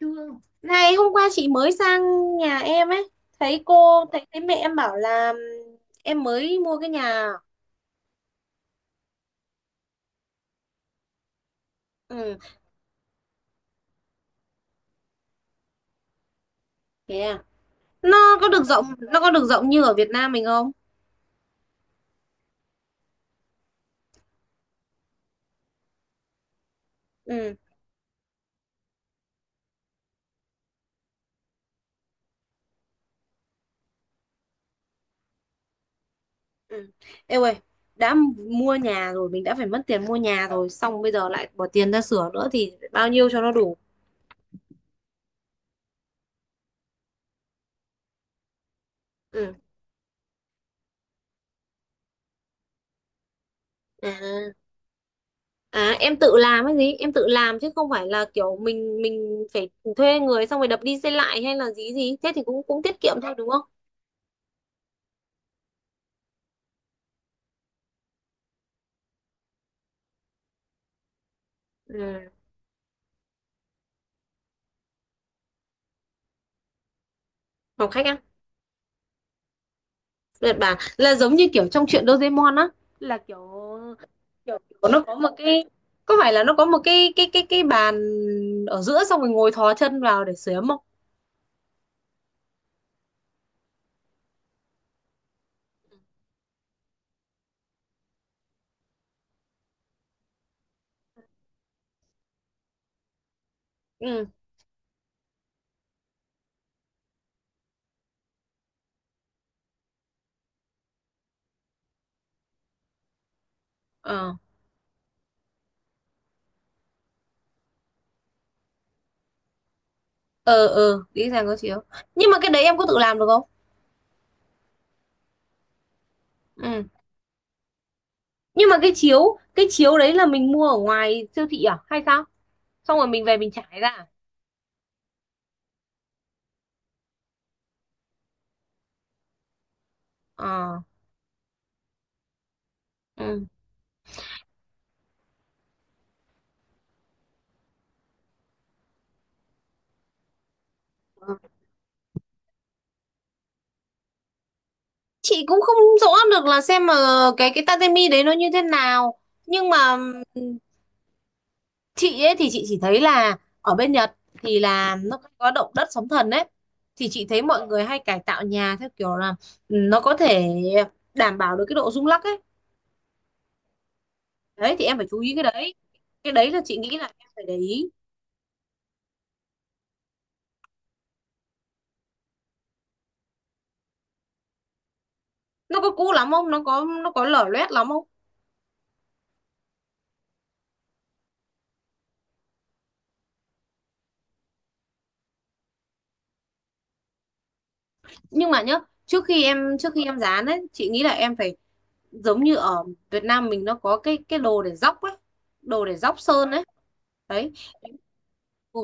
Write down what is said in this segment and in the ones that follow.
Thương. Này hôm qua chị mới sang nhà em ấy, thấy cô thấy thấy mẹ em bảo là em mới mua cái nhà. Ừ, thế à? Nó có được rộng nó có được rộng như ở Việt Nam mình không? Ừ, ừ. Ê ơi, đã mua nhà rồi, mình đã phải mất tiền mua nhà rồi, xong bây giờ lại bỏ tiền ra sửa nữa thì bao nhiêu cho nó đủ? Ừ. À, à, em tự làm cái gì em tự làm, chứ không phải là kiểu mình phải thuê người xong rồi đập đi xây lại hay là gì gì thế, thì cũng cũng tiết kiệm thôi, đúng không? Ừ. Phòng khách á? Đợt bà là giống như kiểu trong truyện Doraemon á, là kiểu kiểu kiểu nó có một cái, có phải là nó có một cái bàn ở giữa, xong rồi ngồi thò chân vào để sửa ấm không? Ừ. Ờ, ờ, ờ, nghĩ rằng có chiếu. Nhưng mà cái đấy em có tự làm được không? Ừ. Nhưng mà cái chiếu, cái chiếu đấy là mình mua ở ngoài siêu thị à hay sao? Xong rồi mình về mình trải ra à? Ờ. Ừ. Ừ. Chị cũng không rõ được, là xem mà cái tatami đấy nó như thế nào. Nhưng mà chị ấy thì chị chỉ thấy là ở bên Nhật thì là nó có động đất sóng thần đấy, thì chị thấy mọi người hay cải tạo nhà theo kiểu là, ừ, nó có thể đảm bảo được cái độ rung lắc ấy. Đấy thì em phải chú ý cái đấy, cái đấy là chị nghĩ là em phải để ý. Nó có cũ lắm không, nó có lở loét lắm không? Nhưng mà nhá, trước khi em dán ấy, chị nghĩ là em phải giống như ở Việt Nam mình nó có cái đồ để dóc ấy, đồ để dóc sơn ấy, đấy. Ừ,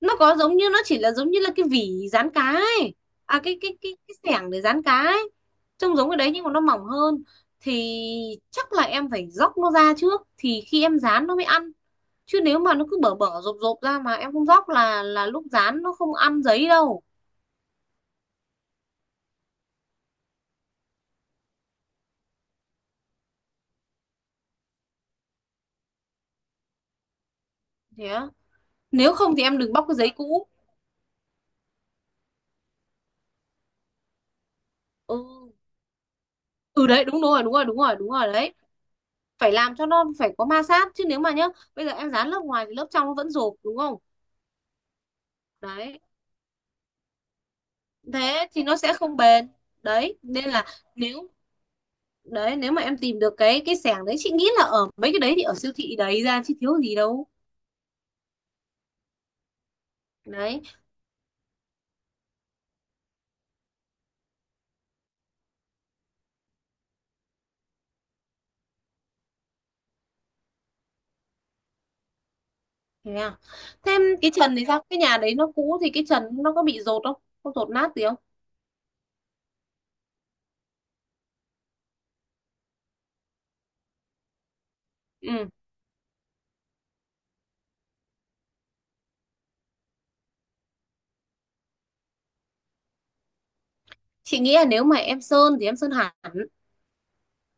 nó có giống như, nó chỉ là giống như là cái vỉ rán cá ấy, à cái xẻng để rán cá ấy, trông giống cái đấy nhưng mà nó mỏng hơn, thì chắc là em phải róc nó ra trước thì khi em rán nó mới ăn, chứ nếu mà nó cứ bở bở rộp rộp ra mà em không róc là lúc rán nó không ăn giấy đâu. Thế á. Nếu không thì em đừng bóc cái giấy cũ. Ừ, ừ đấy, đúng rồi, đúng rồi, đúng rồi, đúng rồi, đấy. Phải làm cho nó phải có ma sát, chứ nếu mà nhá bây giờ em dán lớp ngoài thì lớp trong nó vẫn rộp, đúng không? Đấy, thế thì nó sẽ không bền. Đấy nên là, nếu đấy, nếu mà em tìm được cái sẻng đấy chị nghĩ là ở mấy cái đấy thì ở siêu thị đấy ra chứ thiếu gì đâu. Đấy. Thế à? Thêm cái trần thì sao, cái nhà đấy nó cũ thì cái trần nó có bị dột không, có dột nát gì không? Ừ, chị nghĩ là nếu mà em sơn thì em sơn hẳn,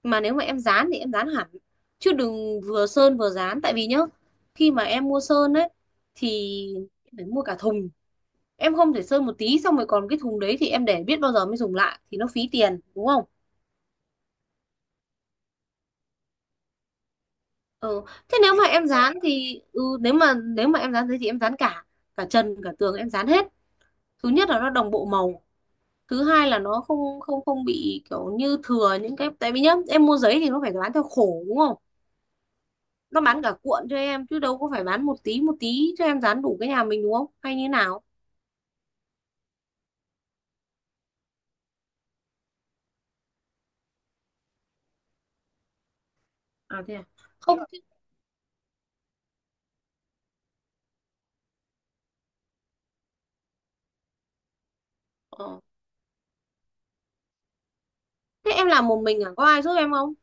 mà nếu mà em dán thì em dán hẳn, chứ đừng vừa sơn vừa dán, tại vì nhá khi mà em mua sơn ấy thì phải mua cả thùng. Em không thể sơn một tí xong rồi còn cái thùng đấy thì em để biết bao giờ mới dùng lại, thì nó phí tiền đúng không? Ừ. Thế nếu mà em dán thì, ừ, nếu mà em dán thế thì em dán cả cả trần cả tường em dán hết. Thứ nhất là nó đồng bộ màu, thứ hai là nó không không không bị kiểu như thừa những cái, tại vì nhá em mua giấy thì nó phải bán theo khổ đúng không? Nó bán cả cuộn cho em chứ đâu có phải bán một tí cho em dán đủ cái nhà mình, đúng không hay như nào. À thế à. Không chứ-. Ờ. Thế em làm một mình à, có ai giúp em không?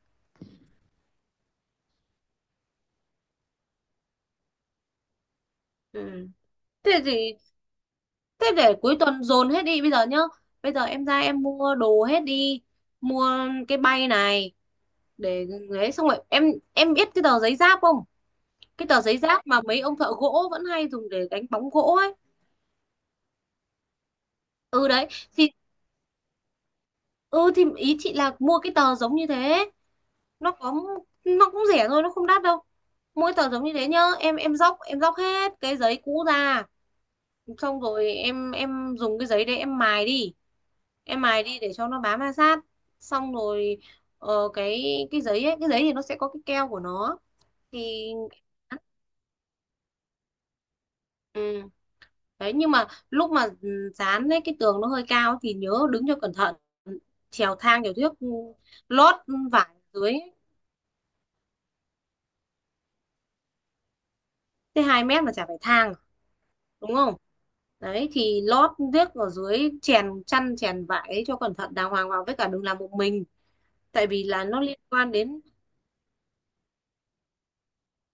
Ừ. Thế thì. Thế để cuối tuần dồn hết đi bây giờ nhá. Bây giờ em ra em mua đồ hết đi. Mua cái bay này để đấy, xong rồi em biết cái tờ giấy giáp không? Cái tờ giấy giáp mà mấy ông thợ gỗ vẫn hay dùng để đánh bóng gỗ ấy. Ừ đấy thì ừ thì ý chị là mua cái tờ giống như thế. Nó có nó cũng rẻ thôi, nó không đắt đâu. Mỗi tờ giống như thế nhá, em dóc hết cái giấy cũ ra, xong rồi em dùng cái giấy đấy em mài đi. Em mài đi để cho nó bám ma sát, xong rồi, ờ, cái giấy ấy cái giấy thì nó sẽ có cái keo của nó, thì ừ. Đấy nhưng mà lúc mà ừ, dán ấy cái tường nó hơi cao thì nhớ đứng cho cẩn thận, trèo thang trèo thước, ừ, lót vải dưới. Thế 2 mét mà chả phải thang, đúng không? Đấy thì lót thước ở dưới, chèn chăn chèn vải ấy cho cẩn thận đàng hoàng vào, với cả đừng làm một mình, tại vì là nó liên quan đến,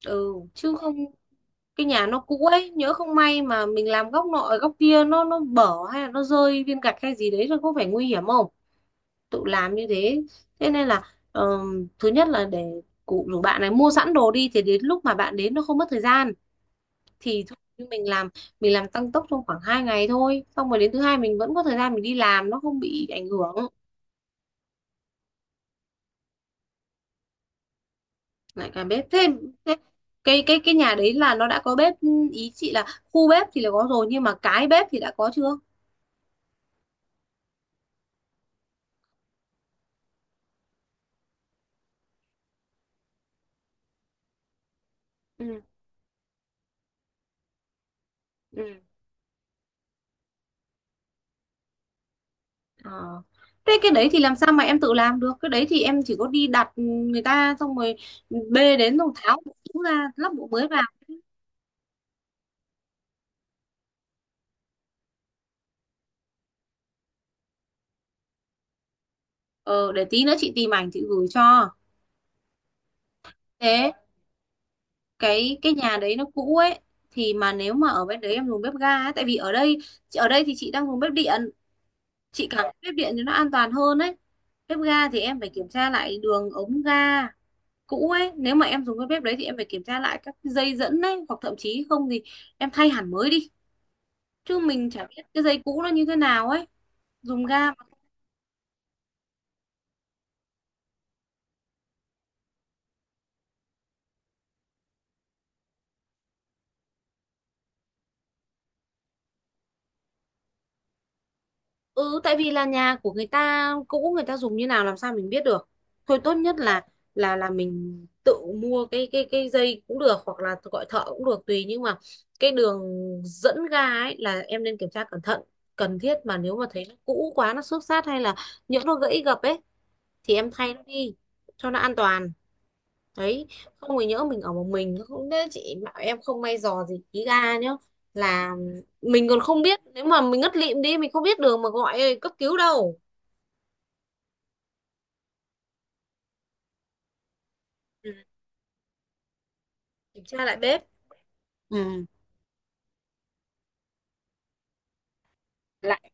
ừ, chứ không cái nhà nó cũ ấy nhỡ không may mà mình làm góc nọ ở góc kia nó bở hay là nó rơi viên gạch hay gì đấy rồi có phải nguy hiểm không, tự làm như thế. Thế nên là, thứ nhất là để cụ rủ bạn này mua sẵn đồ đi thì đến lúc mà bạn đến nó không mất thời gian, thì thôi, như mình làm tăng tốc trong khoảng 2 ngày thôi, xong rồi đến thứ hai mình vẫn có thời gian mình đi làm nó không bị ảnh hưởng. Lại cả bếp thêm. Thế cái nhà đấy là nó đã có bếp, ý chị là khu bếp thì là có rồi nhưng mà cái bếp thì đã có chưa. Ừ. Ừ. Ờ. Thế cái đấy thì làm sao mà em tự làm được? Cái đấy thì em chỉ có đi đặt người ta xong rồi bê đến rồi tháo bộ cũ ra lắp bộ mới vào. Ờ, để tí nữa chị tìm ảnh chị gửi cho. Thế cái nhà đấy nó cũ ấy thì mà nếu mà ở bên đấy em dùng bếp ga ấy, tại vì ở đây, ở đây thì chị đang dùng bếp điện, chị cảm thấy bếp điện thì nó an toàn hơn ấy. Bếp ga thì em phải kiểm tra lại đường ống ga cũ ấy, nếu mà em dùng cái bếp đấy thì em phải kiểm tra lại các dây dẫn ấy hoặc thậm chí không thì em thay hẳn mới đi. Chứ mình chả biết cái giấy cũ nó như thế nào ấy, dùng ga mà. Ừ, tại vì là nhà của người ta cũ, người ta dùng như nào làm sao mình biết được, thôi tốt nhất là là mình tự mua cái dây cũng được hoặc là gọi thợ cũng được tùy, nhưng mà cái đường dẫn ga ấy là em nên kiểm tra cẩn thận cần thiết, mà nếu mà thấy nó cũ quá nó xước xát hay là nhỡ nó gãy gập ấy thì em thay nó đi cho nó an toàn. Đấy, không thì nhỡ mình ở một mình không đấy chị bảo em không may dò gì ký ga nhá, là mình còn không biết, nếu mà mình ngất lịm đi mình không biết đường mà gọi cấp cứu đâu. Ừ. Kiểm tra lại bếp. Ừ. Lại.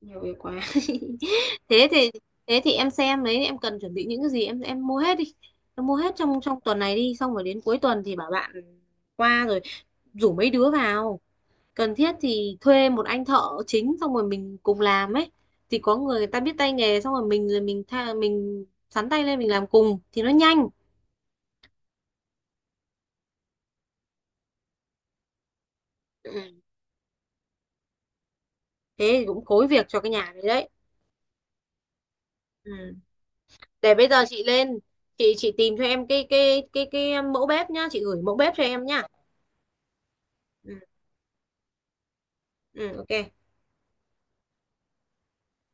Nhiều việc quá thế thì thế thì, em xem đấy em cần chuẩn bị những cái gì em mua hết đi, em mua hết trong trong tuần này đi, xong rồi đến cuối tuần thì bảo bạn qua rồi rủ mấy đứa vào, cần thiết thì thuê một anh thợ chính xong rồi mình cùng làm ấy, thì có người, người ta biết tay nghề xong rồi mình tha, mình sắn tay lên mình làm cùng thì nó nhanh. Ừ. Thế thì cũng khối việc cho cái nhà đấy, đấy. Ừ. Để bây giờ chị lên chị tìm cho em cái mẫu bếp nhá, chị gửi mẫu bếp cho em nhá. Ừ. Ừ, ok.